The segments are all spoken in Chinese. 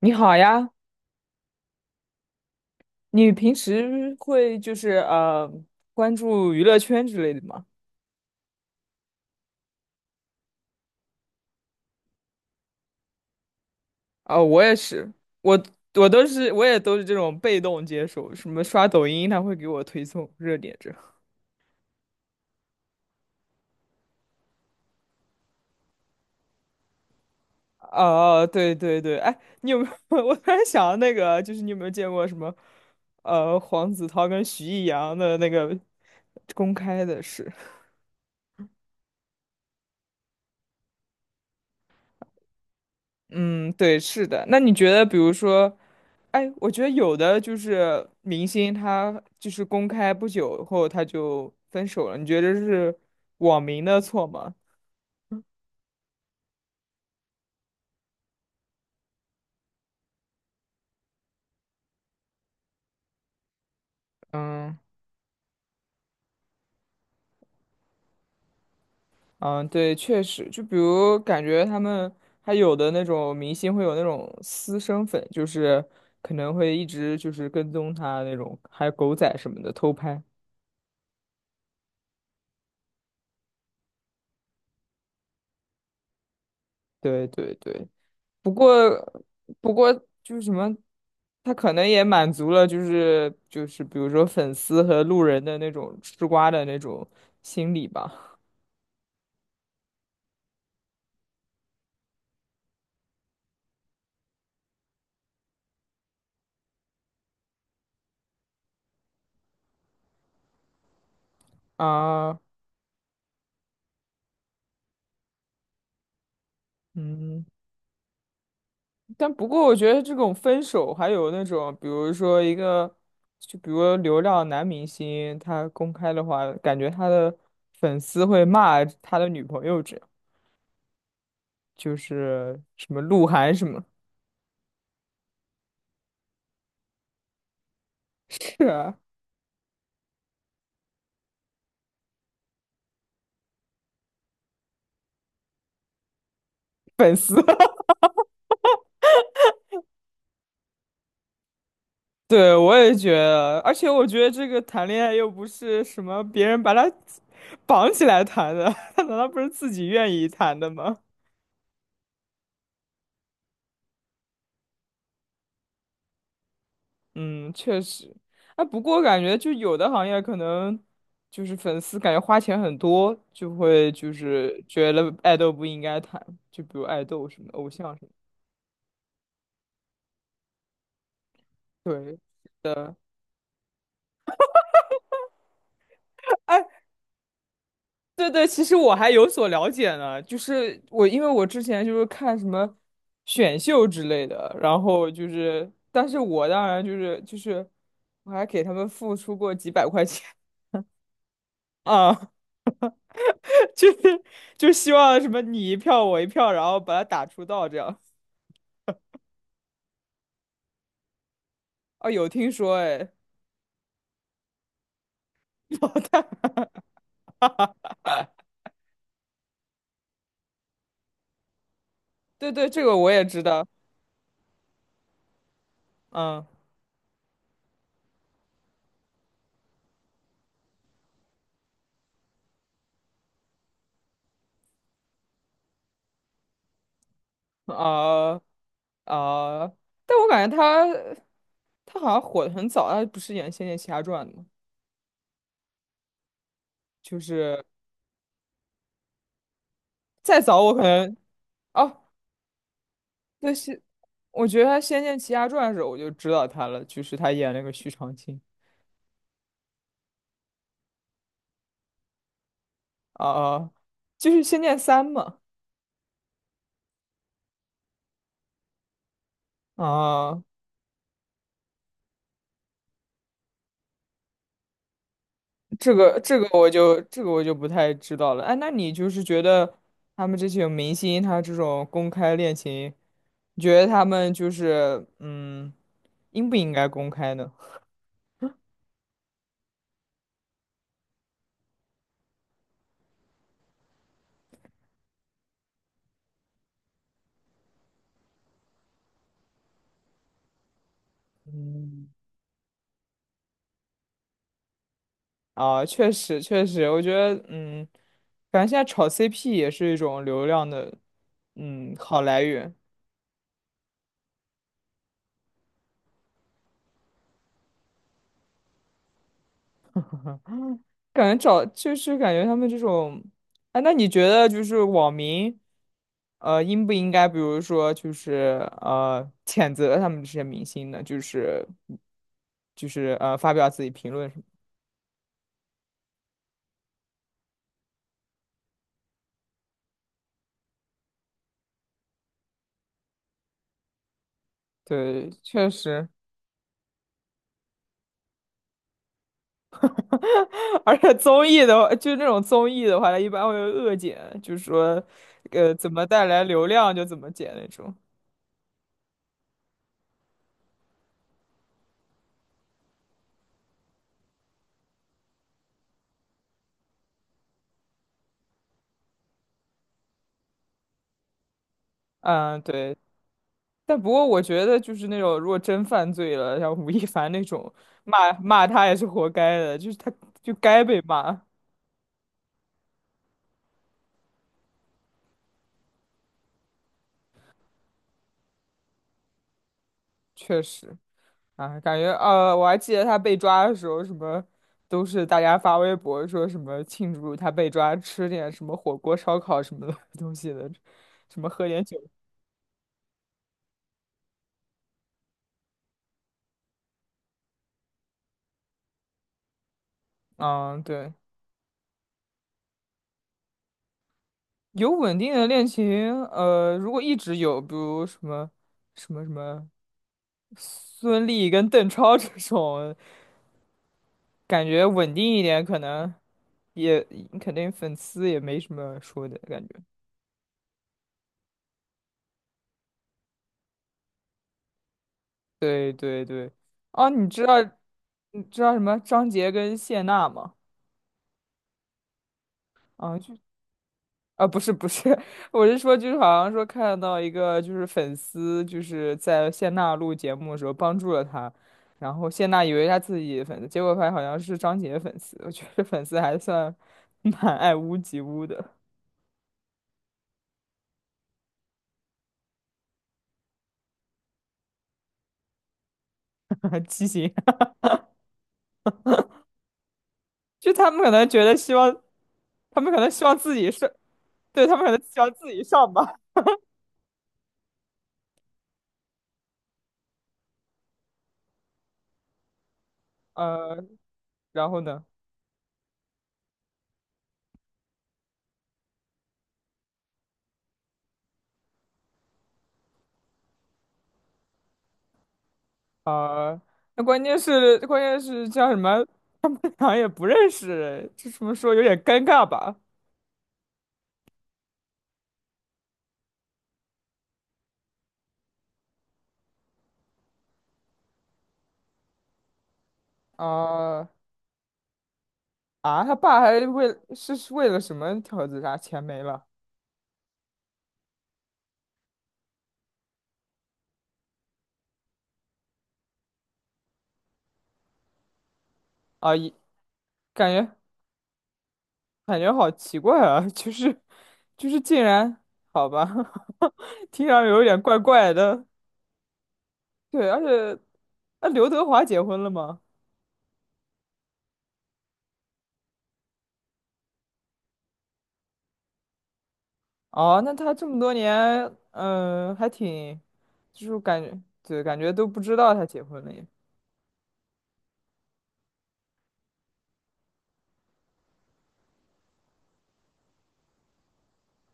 你好呀，你平时会关注娱乐圈之类的吗？啊、我也是，我我也都是这种被动接受，什么刷抖音，他会给我推送热点这。哦、对对对，哎，你有没有？我突然想到那个，就是你有没有见过什么黄子韬跟徐艺洋的那个公开的事？嗯，对，是的。那你觉得，比如说，哎，我觉得有的就是明星，他就是公开不久后他就分手了，你觉得是网民的错吗？嗯，嗯，对，确实，就比如感觉他们还有的那种明星会有那种私生粉，就是可能会一直就是跟踪他那种，还有狗仔什么的偷拍。对对对。不过，不过就是什么，他可能也满足了，就是比如说粉丝和路人的那种吃瓜的那种心理吧。啊，嗯，但不过我觉得这种分手，还有那种比如说一个，就比如流量男明星，他公开的话，感觉他的粉丝会骂他的女朋友这样，就是什么鹿晗什么，是啊，粉丝。对，我也觉得，而且我觉得这个谈恋爱又不是什么别人把他绑起来谈的，他难道不是自己愿意谈的吗？嗯，确实。啊，不过感觉就有的行业可能就是粉丝感觉花钱很多，就会就是觉得爱豆不应该谈，就比如爱豆什么的偶像什么的。对的。对对，其实我还有所了解呢，就是因为我之前就是看什么选秀之类的，然后就是，但是我当然就是我还给他们付出过几百块钱 啊，就是就希望什么你一票我一票，然后把它打出道这样。啊，有听说哎，对对，这个我也知道，嗯啊啊，但我感觉他好像火的很早，他不是演《仙剑奇侠传》的吗？就是再早我可能。哦，对，是，我觉得他《仙剑奇侠传》的时候我就知道他了，就是他演那个徐长卿啊，啊就是《仙剑三》嘛。啊，这个这个我就这个我就不太知道了。哎，那你就是觉得他们这些明星，他这种公开恋情，你觉得他们，应不应该公开呢？嗯，啊，确实确实，我觉得，反正现在炒 CP 也是一种流量的好来源。感觉找就是感觉他们这种，哎，那你觉得就是网民，应不应该，比如说，谴责他们这些明星呢？就是，发表自己评论什么？对，确实，而且综艺的话，就那种综艺的话，它一般会有恶剪，就是说，怎么带来流量就怎么剪那种。嗯，对。但不过我觉得就是那种如果真犯罪了，像吴亦凡那种，骂骂他也是活该的，就是他就该被骂，确实啊，感觉，我还记得他被抓的时候，什么都是大家发微博说什么庆祝他被抓，吃点什么火锅、烧烤什么的 东西的，什么喝点酒，啊。对，有稳定的恋情，如果一直有，比如什么孙俪跟邓超 这种。感觉稳定一点，可能也肯定粉丝也没什么说的感觉。对对对，哦，你知道什么张杰跟谢娜吗？啊，就啊，不是不是，我是说就是好像说看到一个就是粉丝就是在谢娜录节目的时候帮助了她，然后谢娜以为她自己的粉丝，结果发现好像是张杰粉丝。我觉得粉丝还算蛮爱屋及乌的，畸形。就他们可能觉得希望，他们可能希望自己是。对，他们可能喜欢自己上吧。呃，然后呢？啊，那关键是叫什么？他们俩也不认识，这怎么说有点尴尬吧？啊啊，他爸还是为了什么条自杀？钱没了啊？一感觉感觉好奇怪啊，就是竟然好吧，听上去有点怪怪的。对，而且那刘德华结婚了吗？哦，那他这么多年，嗯、还挺。就是感觉，对，感觉都不知道他结婚了耶。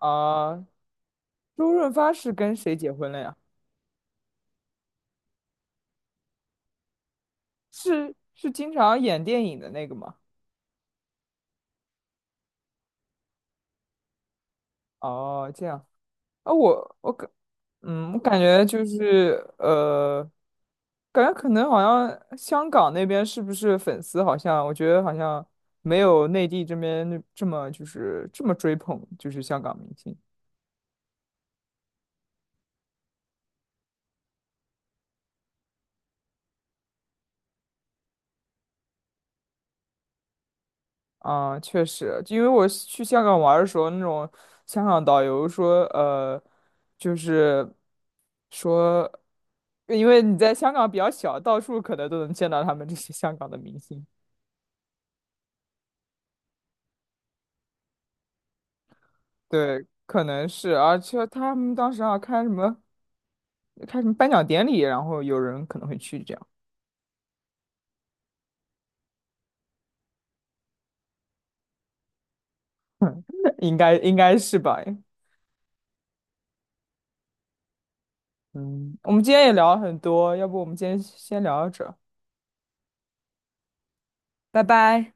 啊、周润发是跟谁结婚了呀？是经常演电影的那个吗？哦，这样啊，我我感，嗯，我感觉就是，感觉可能好像香港那边是不是粉丝好像，我觉得好像没有内地这边那这么这么追捧，就是香港明星。啊，确实，因为我是去香港玩儿的时候，那种香港导游说，就是说，因为你在香港比较小，到处可能都能见到他们这些香港的明星。对，可能是，而且他们当时啊开什么开什么颁奖典礼，然后有人可能会去这样，应该应该是吧？嗯，我们今天也聊了很多，要不我们今天先聊到这儿拜拜。